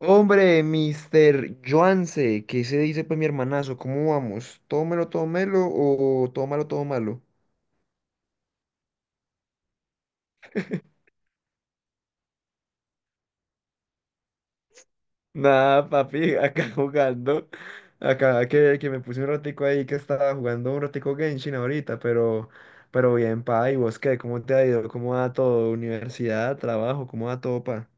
Hombre, mister Joanse, ¿qué se dice pues mi hermanazo? ¿Cómo vamos? ¿Tómelo, tómelo o tómalo, todo malo? Nada, papi, acá jugando. Acá que me puse un ratico ahí que estaba jugando un ratico Genshin ahorita, pero bien, pa. ¿Y vos qué? ¿Cómo te ha ido? ¿Cómo va todo? Universidad, trabajo, ¿cómo va todo, pa?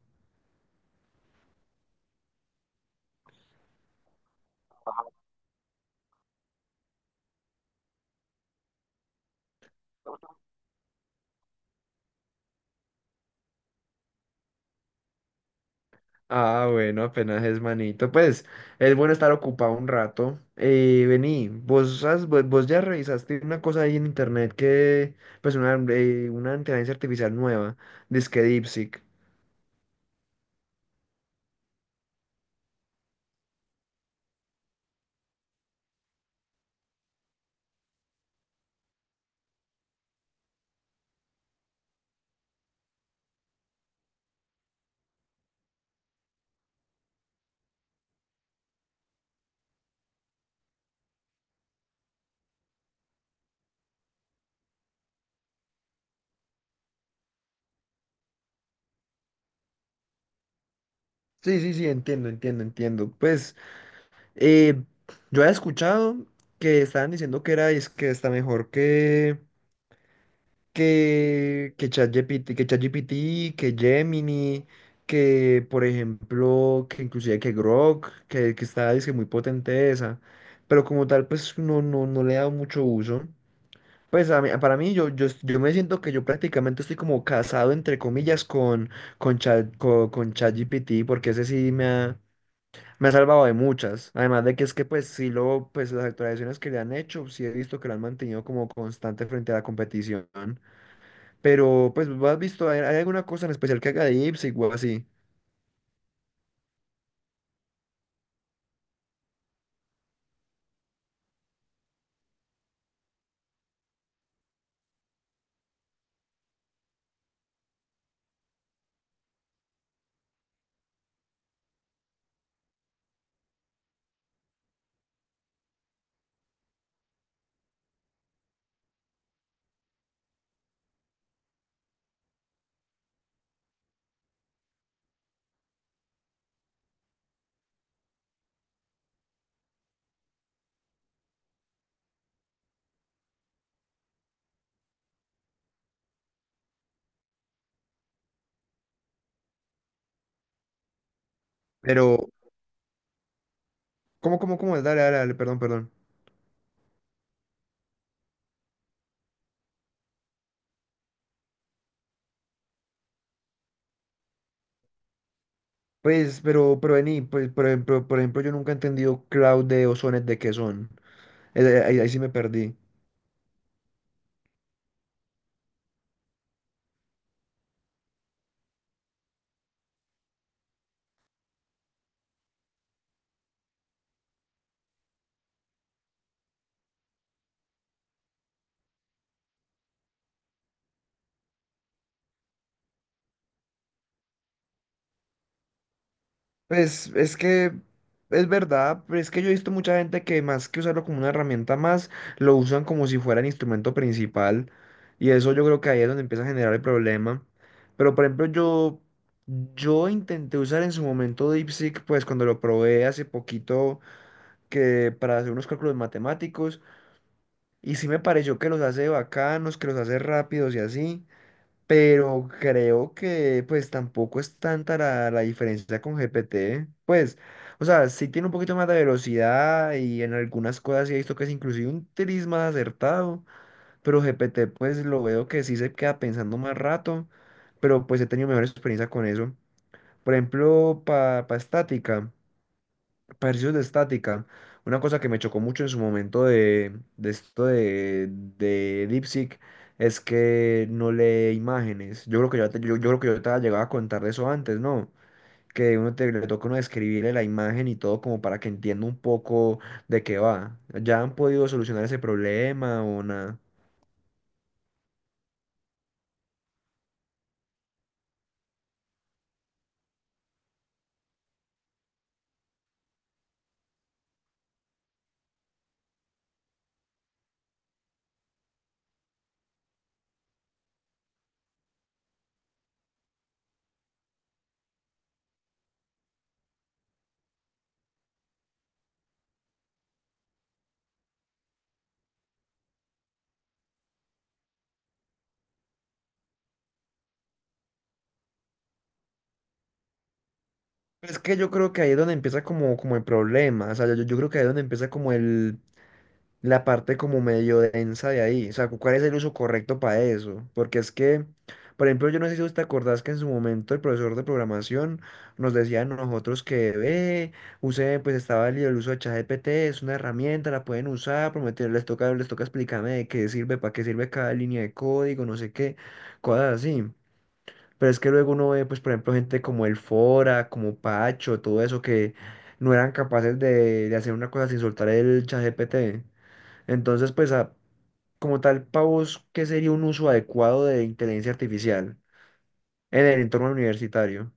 Ah, bueno, apenas es manito. Pues es bueno estar ocupado un rato. Vení, vos, vos ya revisaste una cosa ahí en internet que, pues una inteligencia artificial nueva, dizque DeepSeek. Sí, sí, sí, entiendo, entiendo, entiendo. Pues eh, yo he escuchado que estaban diciendo que es que está mejor que ChatGPT, que ChatGPT, que Gemini, que por ejemplo, que inclusive que Grok, que está dice, muy potente esa, pero como tal pues no le he dado mucho uso. Pues para mí yo me siento que yo prácticamente estoy como casado entre comillas con ChatGPT porque ese sí me ha salvado de muchas. Además de que es que pues las actualizaciones que le han hecho, sí he visto que lo han mantenido como constante frente a la competición. Pero, pues, ¿lo ¿has visto? ¿Hay, hay alguna cosa en especial que haga de Ipswich o así? Pero, ¿cómo es? Dale, dale, dale, perdón, perdón. Pues, vení, pues, por ejemplo, yo nunca he entendido cloud de ozones de qué son. Ahí, ahí sí me perdí. Pues es que es verdad, pero es que yo he visto mucha gente que más que usarlo como una herramienta más, lo usan como si fuera el instrumento principal y eso yo creo que ahí es donde empieza a generar el problema. Pero por ejemplo yo intenté usar en su momento DeepSeek, pues cuando lo probé hace poquito que para hacer unos cálculos matemáticos y sí me pareció que los hace bacanos, que los hace rápidos y así, pero creo que pues tampoco es tanta la diferencia con GPT. Pues, o sea, sí tiene un poquito más de velocidad y en algunas cosas sí he visto que es inclusive un tris más acertado, pero GPT pues lo veo que sí se queda pensando más rato, pero pues he tenido mejor experiencia con eso. Por ejemplo, para estática. Ejercicios de estática. Una cosa que me chocó mucho en su momento de esto de DeepSeek es que no lee imágenes. Yo creo que yo creo que yo te había llegado a contar de eso antes, ¿no? Que le toca uno describirle la imagen y todo como para que entienda un poco de qué va. ¿Ya han podido solucionar ese problema o nada? Es que yo creo que ahí es donde empieza como el problema. O sea, yo creo que ahí es donde empieza como el la parte como medio densa de ahí. O sea, ¿cuál es el uso correcto para eso? Porque es que, por ejemplo, yo no sé si vos te acordás que en su momento el profesor de programación nos decía a nosotros que, ve, use, pues estaba el uso de ChatGPT, es una herramienta, la pueden usar, prometer, les toca explicarme de qué sirve, para qué sirve cada línea de código, no sé qué, cosas así. Pero es que luego uno ve, pues, por ejemplo, gente como el Fora, como Pacho, todo eso que no eran capaces de hacer una cosa sin soltar el ChatGPT. Entonces, pues, como tal, para vos, ¿qué sería un uso adecuado de inteligencia artificial en el entorno universitario?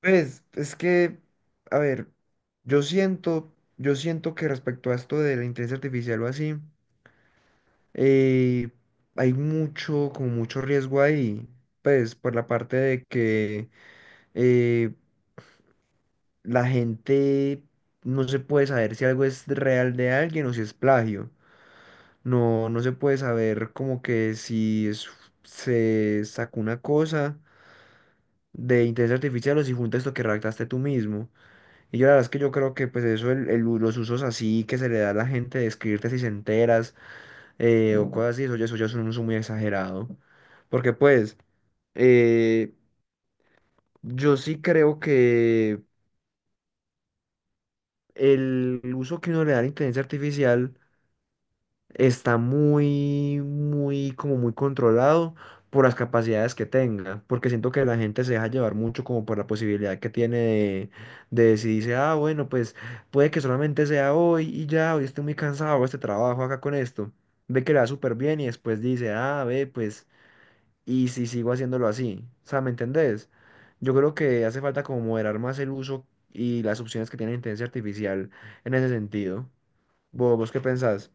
Pues es que, a ver, yo siento, yo siento que respecto a esto de la inteligencia artificial o así, eh, hay mucho, como mucho riesgo ahí, pues por la parte de que eh, la gente no se puede saber si algo es real de alguien o si es plagio. No se puede saber como que si es- se sacó una cosa de inteligencia artificial o si fue un texto que redactaste tú mismo. Y yo la verdad es que yo creo que pues eso, los usos así que se le da a la gente de escribirte si se enteras o cosas así, eso ya es un uso muy exagerado. Porque pues eh, yo sí creo que el uso que uno le da a la inteligencia artificial está muy controlado por las capacidades que tenga, porque siento que la gente se deja llevar mucho como por la posibilidad que tiene de decidirse, ah, bueno, pues puede que solamente sea hoy y ya, hoy estoy muy cansado, hago este trabajo acá con esto, ve que le va súper bien y después dice, ah, ve, pues, y si sigo haciéndolo así, o sea, ¿me entendés? Yo creo que hace falta como moderar más el uso y las opciones que tiene la inteligencia artificial en ese sentido. ¿Vos qué pensás?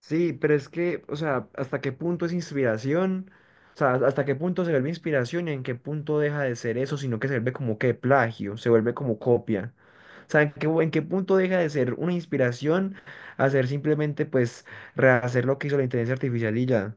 Sí, pero es que, o sea, ¿hasta qué punto es inspiración? O sea, ¿hasta qué punto se vuelve inspiración y en qué punto deja de ser eso, sino que se vuelve como que plagio, se vuelve como copia? O sea, en qué punto deja de ser una inspiración a ser simplemente, pues, rehacer lo que hizo la inteligencia artificial y ya?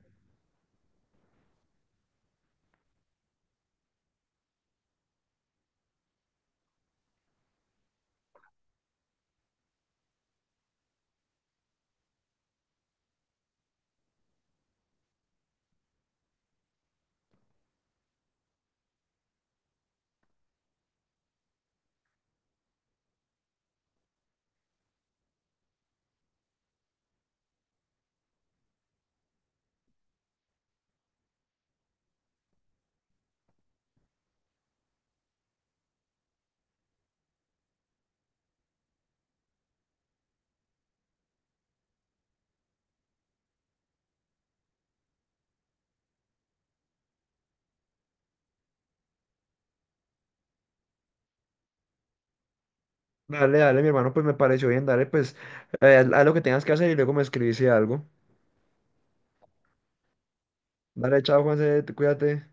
Dale, dale, mi hermano, pues me pareció bien, dale, pues, haz lo que tengas que hacer y luego me escribís si algo. Dale, chao, Juanse, cuídate.